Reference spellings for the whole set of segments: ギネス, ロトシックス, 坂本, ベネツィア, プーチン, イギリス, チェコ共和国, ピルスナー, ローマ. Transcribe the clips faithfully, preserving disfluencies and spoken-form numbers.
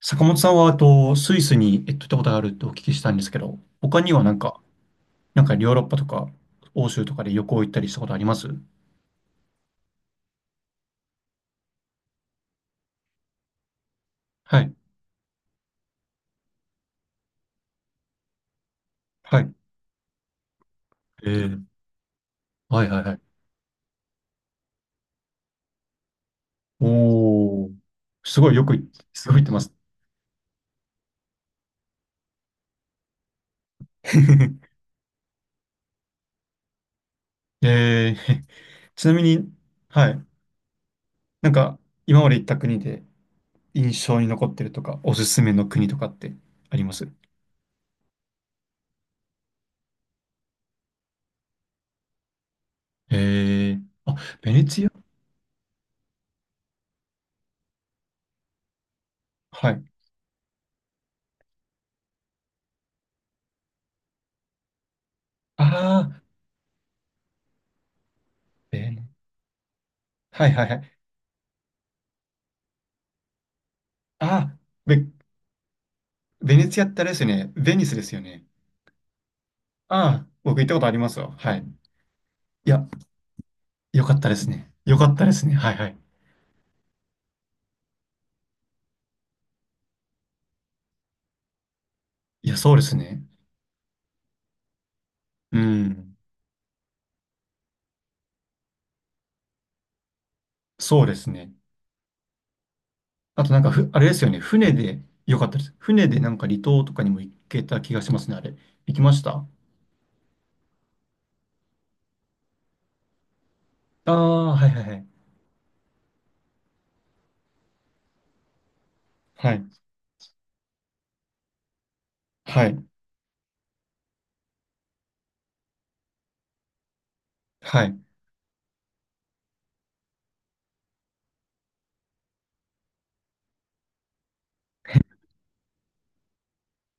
坂本さんは、えっと、スイスに、えっと、行ったことがあるってお聞きしたんですけど、他にはなんか、なんかヨーロッパとか、欧州とかで旅行行ったりしたことありますはい。はい。ええ。はいはいはい。おお、すごいよくい、すごい行ってます。えー、ちなみに、はい。なんか、今まで行った国で印象に残ってるとか、おすすめの国とかってありますえー、あ、ベネツィア。はい。ああ、ベネ、はいはいはい。ああ、べ、ベネツィアってあれですよね。ベニスですよね。ああ、僕行ったことありますよ。はい。いや、よかったですね。よかったですね。はいはい。いや、そうですね。うん。そうですね。あとなんかふ、あれですよね。船で、よかったです。船でなんか離島とかにも行けた気がしますね、あれ。行きましたあ。あー、はいはいはい。はい。はい。はい。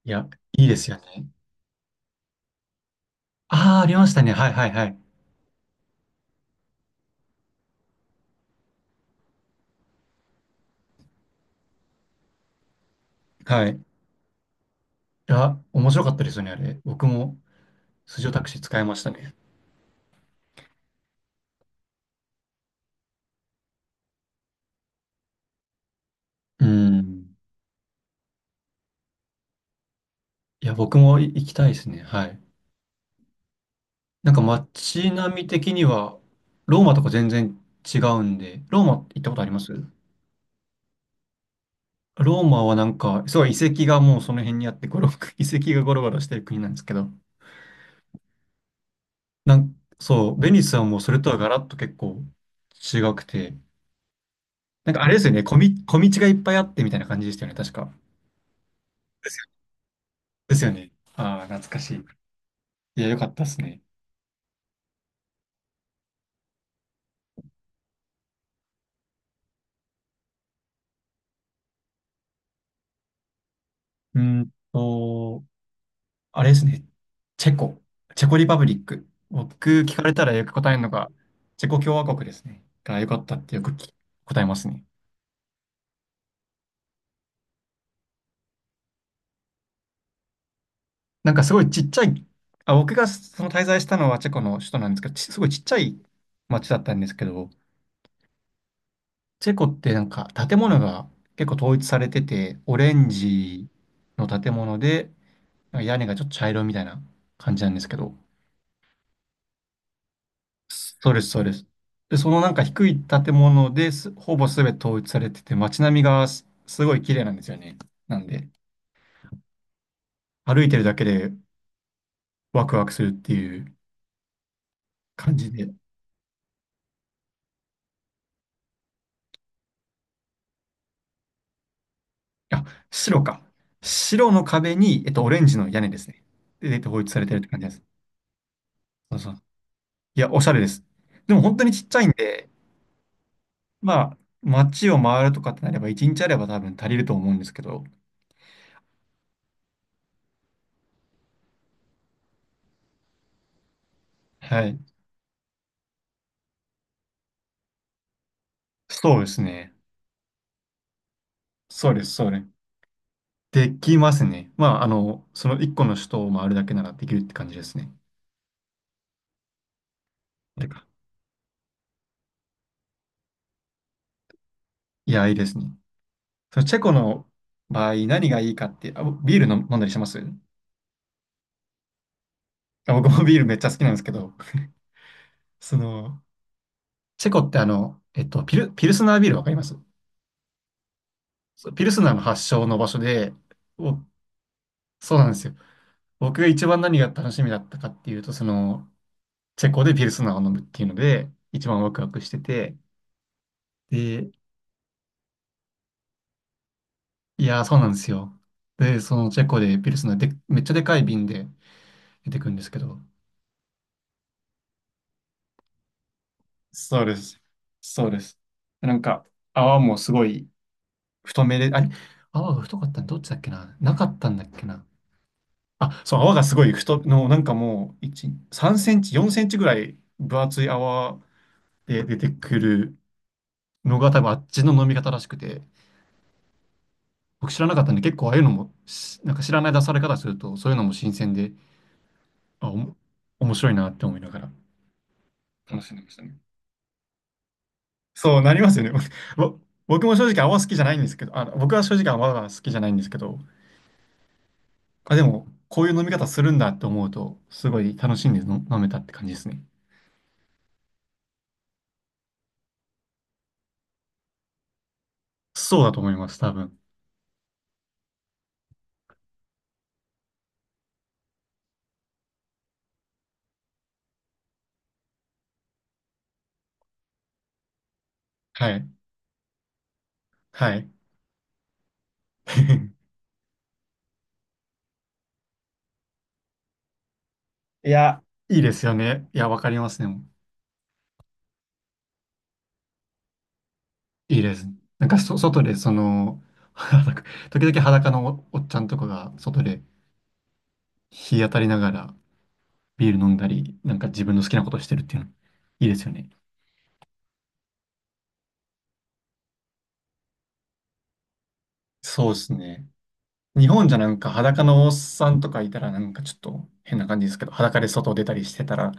いや、いいですよね。ああ、ありましたね。はいはいはい。はい。いや、面白かったですよね、あれ。僕も、水上タクシー使いましたね。うん。いや、僕もい行きたいですね。はい。なんか街並み的には、ローマとか全然違うんで、ローマ行ったことありますローマはなんか、すごい遺跡がもうその辺にあって、ゴロ、遺跡がゴロゴロしてる国なんですけど、なん、そう、ベニスはもうそれとはガラッと結構違くて、なんかあれですよね、小み、小道がいっぱいあってみたいな感じでしたよね、確か。ですよね。ああ、懐かしい。いや、よかったですね。うーんと、あれですね。チェコ。チェコリパブリック。僕、聞かれたらよく答えるのが、チェコ共和国ですね。が良かったってよくき答えますね。なんかすごいちっちゃい、あ、僕がその滞在したのはチェコの首都なんですけど、ちすごいちっちゃい町だったんですけど、チェコってなんか建物が結構統一されてて、オレンジの建物で、なんか屋根がちょっと茶色みたいな感じなんですけど、そうです、そうです。で、そのなんか低い建物ですほぼ全て統一されてて、街並みがす、すごい綺麗なんですよね。なんで、歩いてるだけでワクワクするっていう感じで。あ、白か。白の壁に、えっと、オレンジの屋根ですね。で、で統一されてるって感じです。そうそう。いや、おしゃれです。でも本当にちっちゃいんで、まあ、街を回るとかってなれば、一日あれば多分足りると思うんですけど。はい。そうですね。そうです、そうです。できますね。まあ、あの、その一個の首都を回るだけならできるって感じですね。てか、いや、いいですね。そのチェコの場合、何がいいかって、あ、ビール飲飲んだりしますあ、僕もビールめっちゃ好きなんですけど、その、チェコってあの、えっと、ピル、ピルスナービールわかりますそうピルスナーの発祥の場所で、お、そうなんですよ。僕が一番何が楽しみだったかっていうと、その、チェコでピルスナーを飲むっていうので、一番ワクワクしてて、で、いやー、そうなんですよ。で、そのチェコでピルスので、めっちゃでかい瓶で出てくるんですけど、そうです。そうです。なんか泡もすごい太めで、あれ、泡が太かったのどっちだっけな、なかったんだっけな。あ、そう、泡がすごい太、の、なんかもう、いち、さんセンチ、よんセンチぐらい分厚い泡で出てくるのが多分あっちの飲み方らしくて、僕知らなかったんで結構ああいうのもし、なんか知らない出され方すると、そういうのも新鮮で、あ、おも、面白いなって思いながら楽しんでましたね。そうなりますよね。ぼ僕も正直泡好きじゃないんですけど、あ、僕は正直泡が好きじゃないんですけど、あ、でも、こういう飲み方するんだって思うと、すごい楽しんで飲飲めたって感じですね。そうだと思います、多分。はい。はい。いや、いいですよね。いや、わかりますね。いいです。なんかそ、外で、その、裸時々裸のお、おっちゃんとかが、外で日当たりながらビール飲んだり、なんか自分の好きなことしてるっていうの、いいですよね。そうですね。日本じゃなんか裸のおっさんとかいたらなんかちょっと変な感じですけど、裸で外出たりしてたら、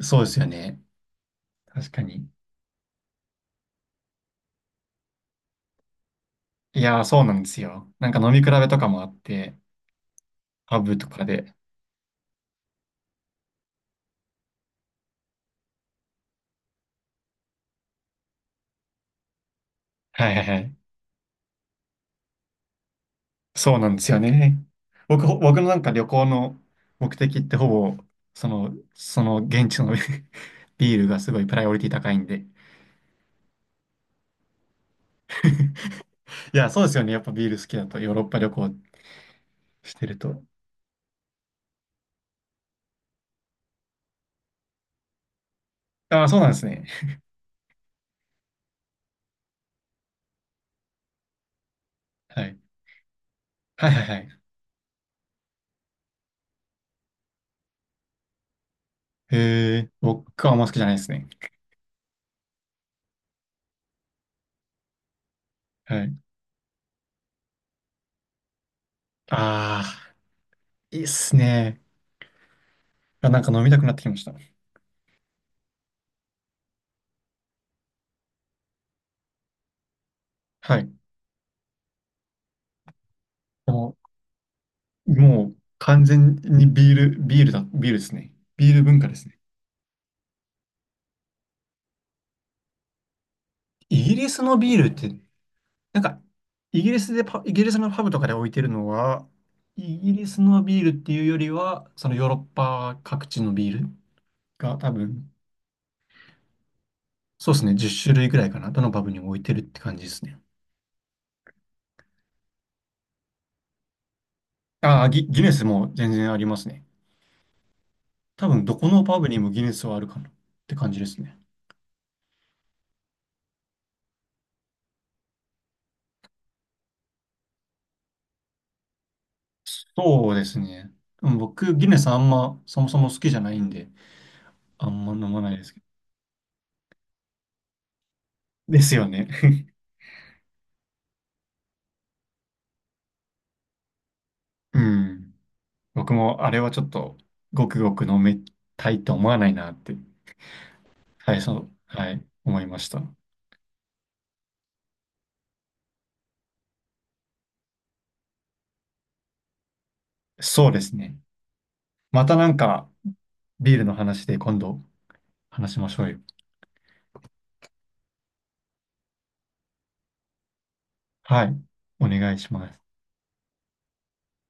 そうですよね。確かに。いやー、そうなんですよ。なんか飲み比べとかもあって、ハブとかで。はいはいはい。そうなんですよね。僕、ほ僕のなんか旅行の目的ってほぼ、その、その現地の ビールがすごいプライオリティ高いんで。いや、そうですよね。やっぱビール好きだとヨーロッパ旅行してると。ああ、そうなんですね。はい。はいはいはい。へえ、僕はあんま好きじゃないですね。はい。ああ、いいっすね。あ、なんか飲みたくなってきました。はい。もう、もう完全にビール、ビールだ、ビールですね。ビール文化ですね。イギリスのビールって、なんか、イギリスでパ、イギリスのパブとかで置いてるのは、イギリスのビールっていうよりは、そのヨーロッパ各地のビールが多分、そうですね、じゅう種類ぐらいかな。どのパブにも置いてるって感じですね。ああ、ギ、ギネスも全然ありますね。多分、どこのパブにもギネスはあるかなって感じですね。そうですね。うん、僕、ギネスあんま、そもそも好きじゃないんで、あんま飲まないですけど。ですよね。うん。僕もあれはちょっと、ごくごく飲めたいと思わないなって、はい、そう、はい、思いました。そうですね。またなんか、ビールの話で今度話しましょうよ。はい、お願いします。